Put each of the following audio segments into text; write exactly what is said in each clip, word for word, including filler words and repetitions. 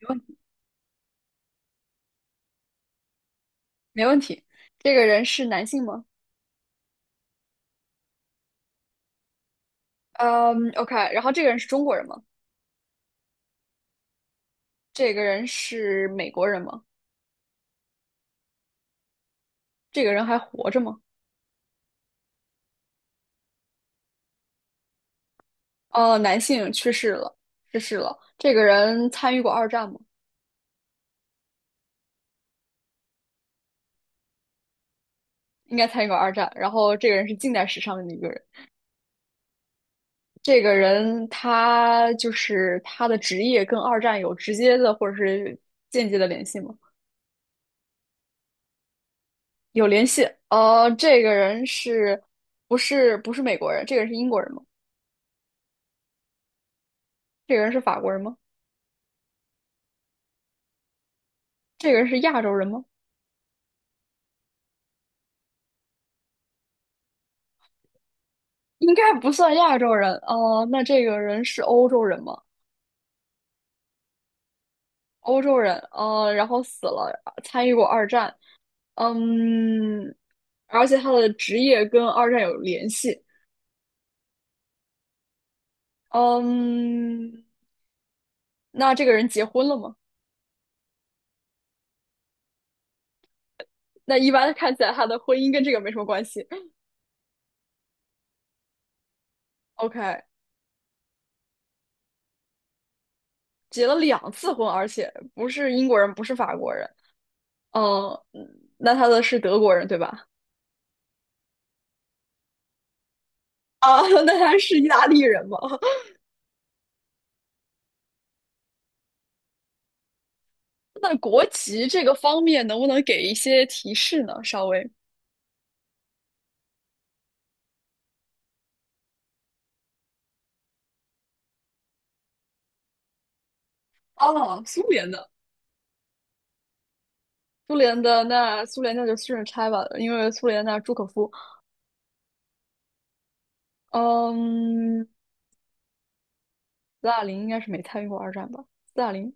没问没问题。这个人是男性吗？嗯，OK。然后这个人是中国人吗？这个人是美国人吗？这个人还活着吗？哦，男性去世了，去世了。这个人参与过二战吗？应该参与过二战。然后这个人是近代史上的一个人。这个人他就是他的职业跟二战有直接的或者是间接的联系吗？有联系。呃，这个人是不是不是美国人？这个人是英国人吗？这个人是法国人吗？这个人是亚洲人吗？应该不算亚洲人哦。那这个人是欧洲人吗？欧洲人，呃，然后死了，参与过二战，嗯，而且他的职业跟二战有联系，嗯，那这个人结婚了吗？那一般看起来他的婚姻跟这个没什么关系。OK,结了两次婚，而且不是英国人，不是法国人，嗯，那他的是德国人对吧？啊，那他是意大利人吗？那国籍这个方面，能不能给一些提示呢？稍微哦，苏联的，苏联的那苏联那就顺着拆吧，因为苏联那朱可夫，嗯，斯大林应该是没参与过二战吧？斯大林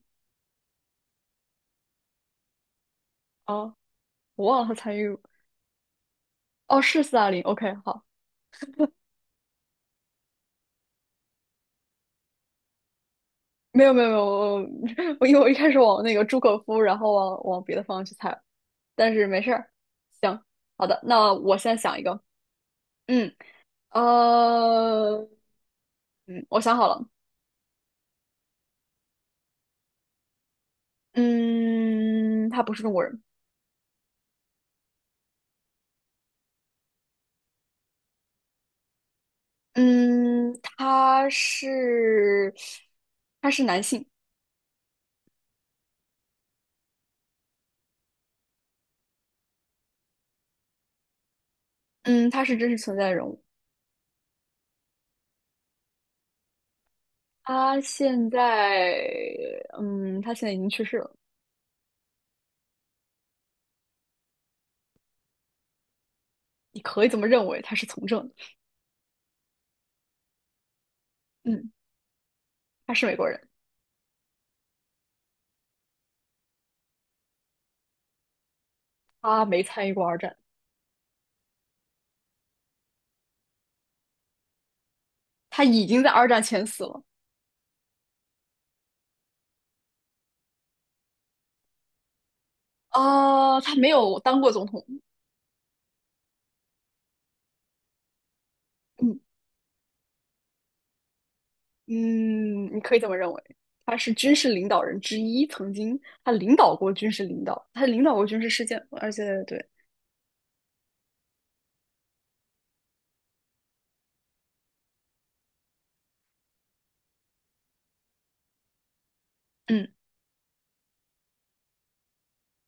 啊，哦我忘了他参与，哦，是斯大林。OK,好，没有没有没有，我我 因为我一开始往那个朱可夫，然后往往别的方向去猜了但是没事儿，行，好的，那我现在想一个，嗯，呃，嗯，我想好了。嗯，他不是中国人。嗯，他是他是男性。嗯，他是真实存在的人物。他现在嗯，他现在已经去世了。你可以这么认为，他是从政的。嗯，他是美国人，他没参与过二战，他已经在二战前死了。啊、他没有当过总统。嗯，嗯，你可以这么认为。他是军事领导人之一，曾经他领导过军事领导，他领导过军事事件，而且对。嗯。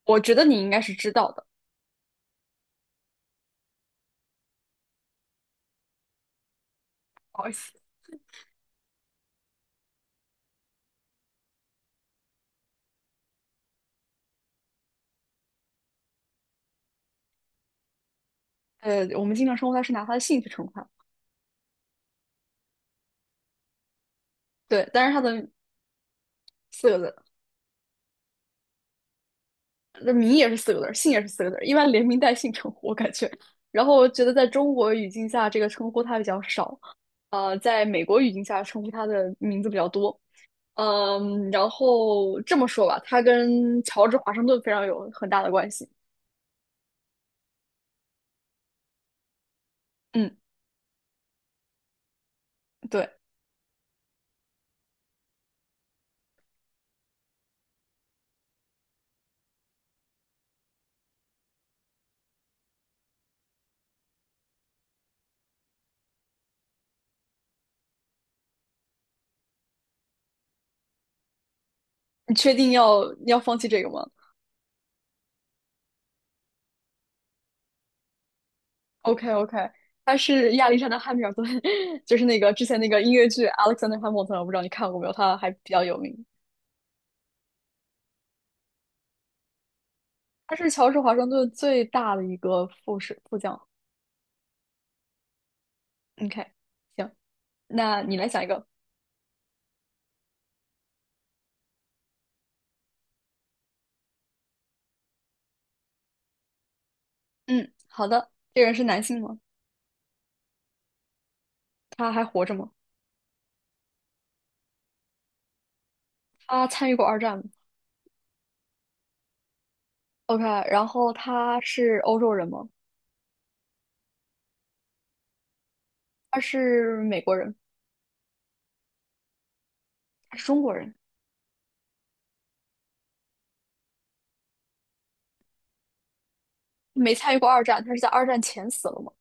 我觉得你应该是知道的，不好意思。呃，我们经常称呼他是拿他的姓去称呼它，对，但是他的四个字，那名也是四个字姓也是四个字一般连名带姓称呼，我感觉。然后我觉得在中国语境下，这个称呼他比较少，呃，在美国语境下称呼他的名字比较多。嗯，然后这么说吧，他跟乔治华盛顿非常有很大的关系。嗯，对，你确定要要放弃这个吗？OK OK,他是亚历山大·汉密尔顿，就是那个之前那个音乐剧《Alexander Hamilton》,我不知道你看过没有，他还比较有名。他是乔治华盛顿最大的一个副士副将。OK,行，那你来想一个。嗯，好的。这个人是男性吗？他还活着吗？他参与过二战吗？OK,然后他是欧洲人吗？他是美国人？他是中国人？没参与过二战，他是在二战前死了吗？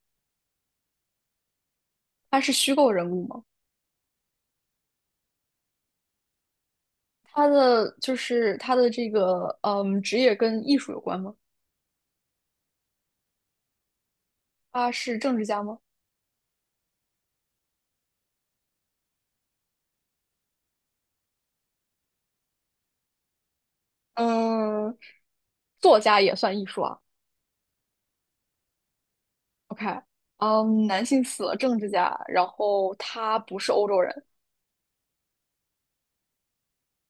他是虚构人物吗？他的就是他的这个嗯职业跟艺术有关吗？他是政治家吗？嗯，作家也算艺术啊。OK,嗯，男性死了，政治家，然后他不是欧洲人，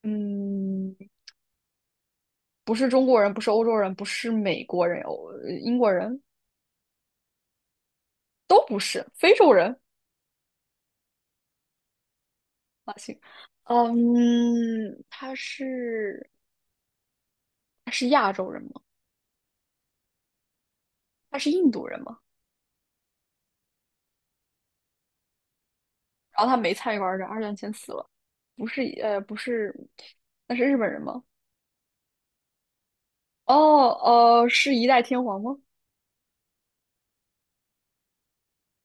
嗯，不是中国人，不是欧洲人，不是美国人，欧英国人都不是，非洲人啊，行，嗯，他是他是亚洲人吗？他是印度人吗？然后他没参与过二战，二战前死了，不是呃不是，那是日本人吗？哦呃，是一代天皇吗？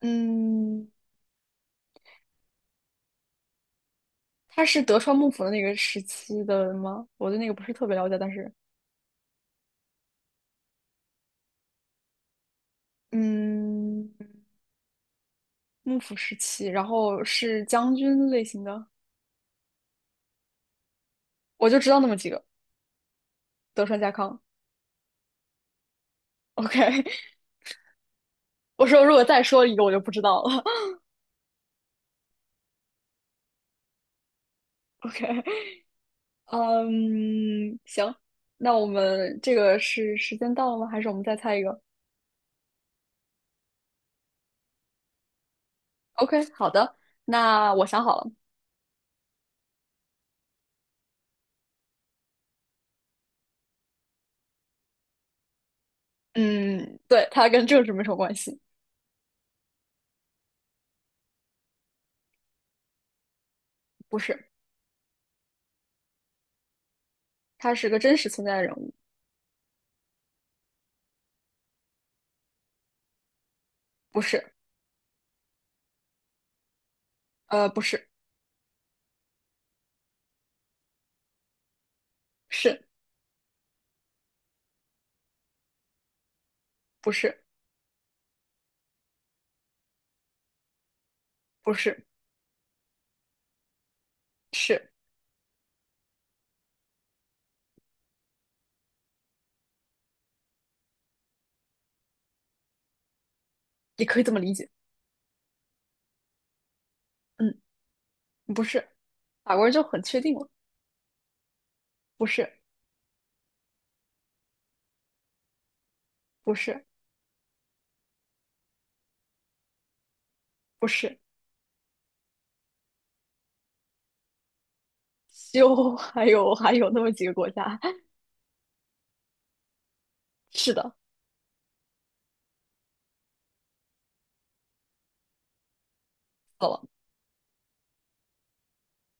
嗯，他是德川幕府的那个时期的吗？我对那个不是特别了解，但是嗯，幕府时期，然后是将军类型的，我就知道那么几个，德川家康。OK,我说如果再说一个，我就不知道了。OK,嗯，行，那我们这个是时间到了吗？还是我们再猜一个？OK,好的，那我想好了，嗯，对，他跟政治没什么关系，不是，他是个真实存在的人物，不是，呃，不是，是，不是，不是，是，也可以这么理解，嗯，不是，法国人就很确定了，不是，不是，不是，就 还有还有那么几个国家，是的，走了，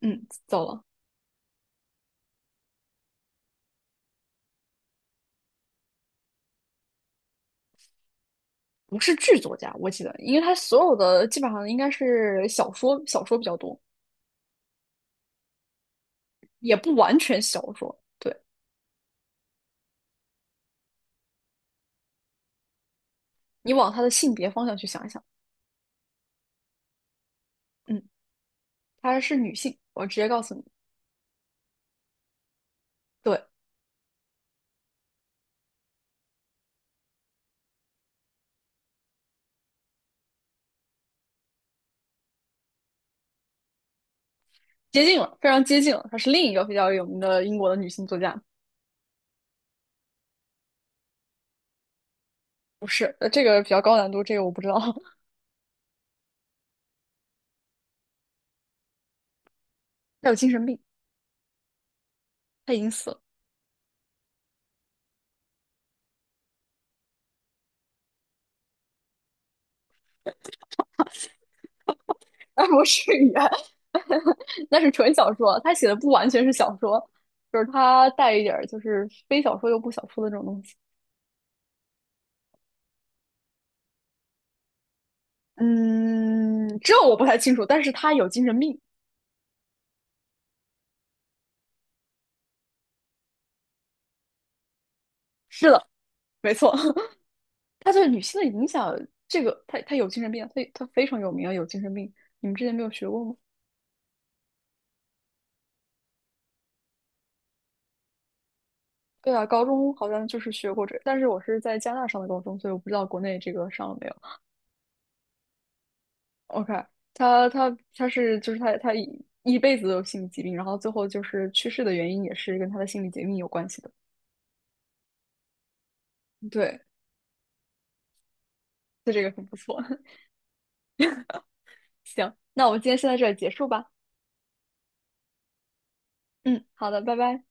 嗯，走了，不是剧作家，我记得，因为他所有的基本上应该是小说，小说比较多，也不完全小说。对。你往她的性别方向去想一想，嗯，她是女性，我直接告诉你，对，接近了，非常接近了，她是另一个比较有名的英国的女性作家，不是，呃，这个比较高难度，这个我不知道，她有精神病，她已经死了，啊，不是语言，那是纯小说，她写的不完全是小说，就是她带一点就是非小说又不小说的这种东西，嗯，这我不太清楚，但是她有精神病，是的，没错。他对女性的影响，这个他他有精神病，他他非常有名啊，有精神病。你们之前没有学过吗？对啊，高中好像就是学过这，但是我是在加拿大上的高中，所以我不知道国内这个上了没有。OK,他他他是就是他他一一辈子都有心理疾病，然后最后就是去世的原因也是跟他的心理疾病有关系的。对，就这个很不错。行，那我们今天先在这里结束吧。嗯，好的，拜拜。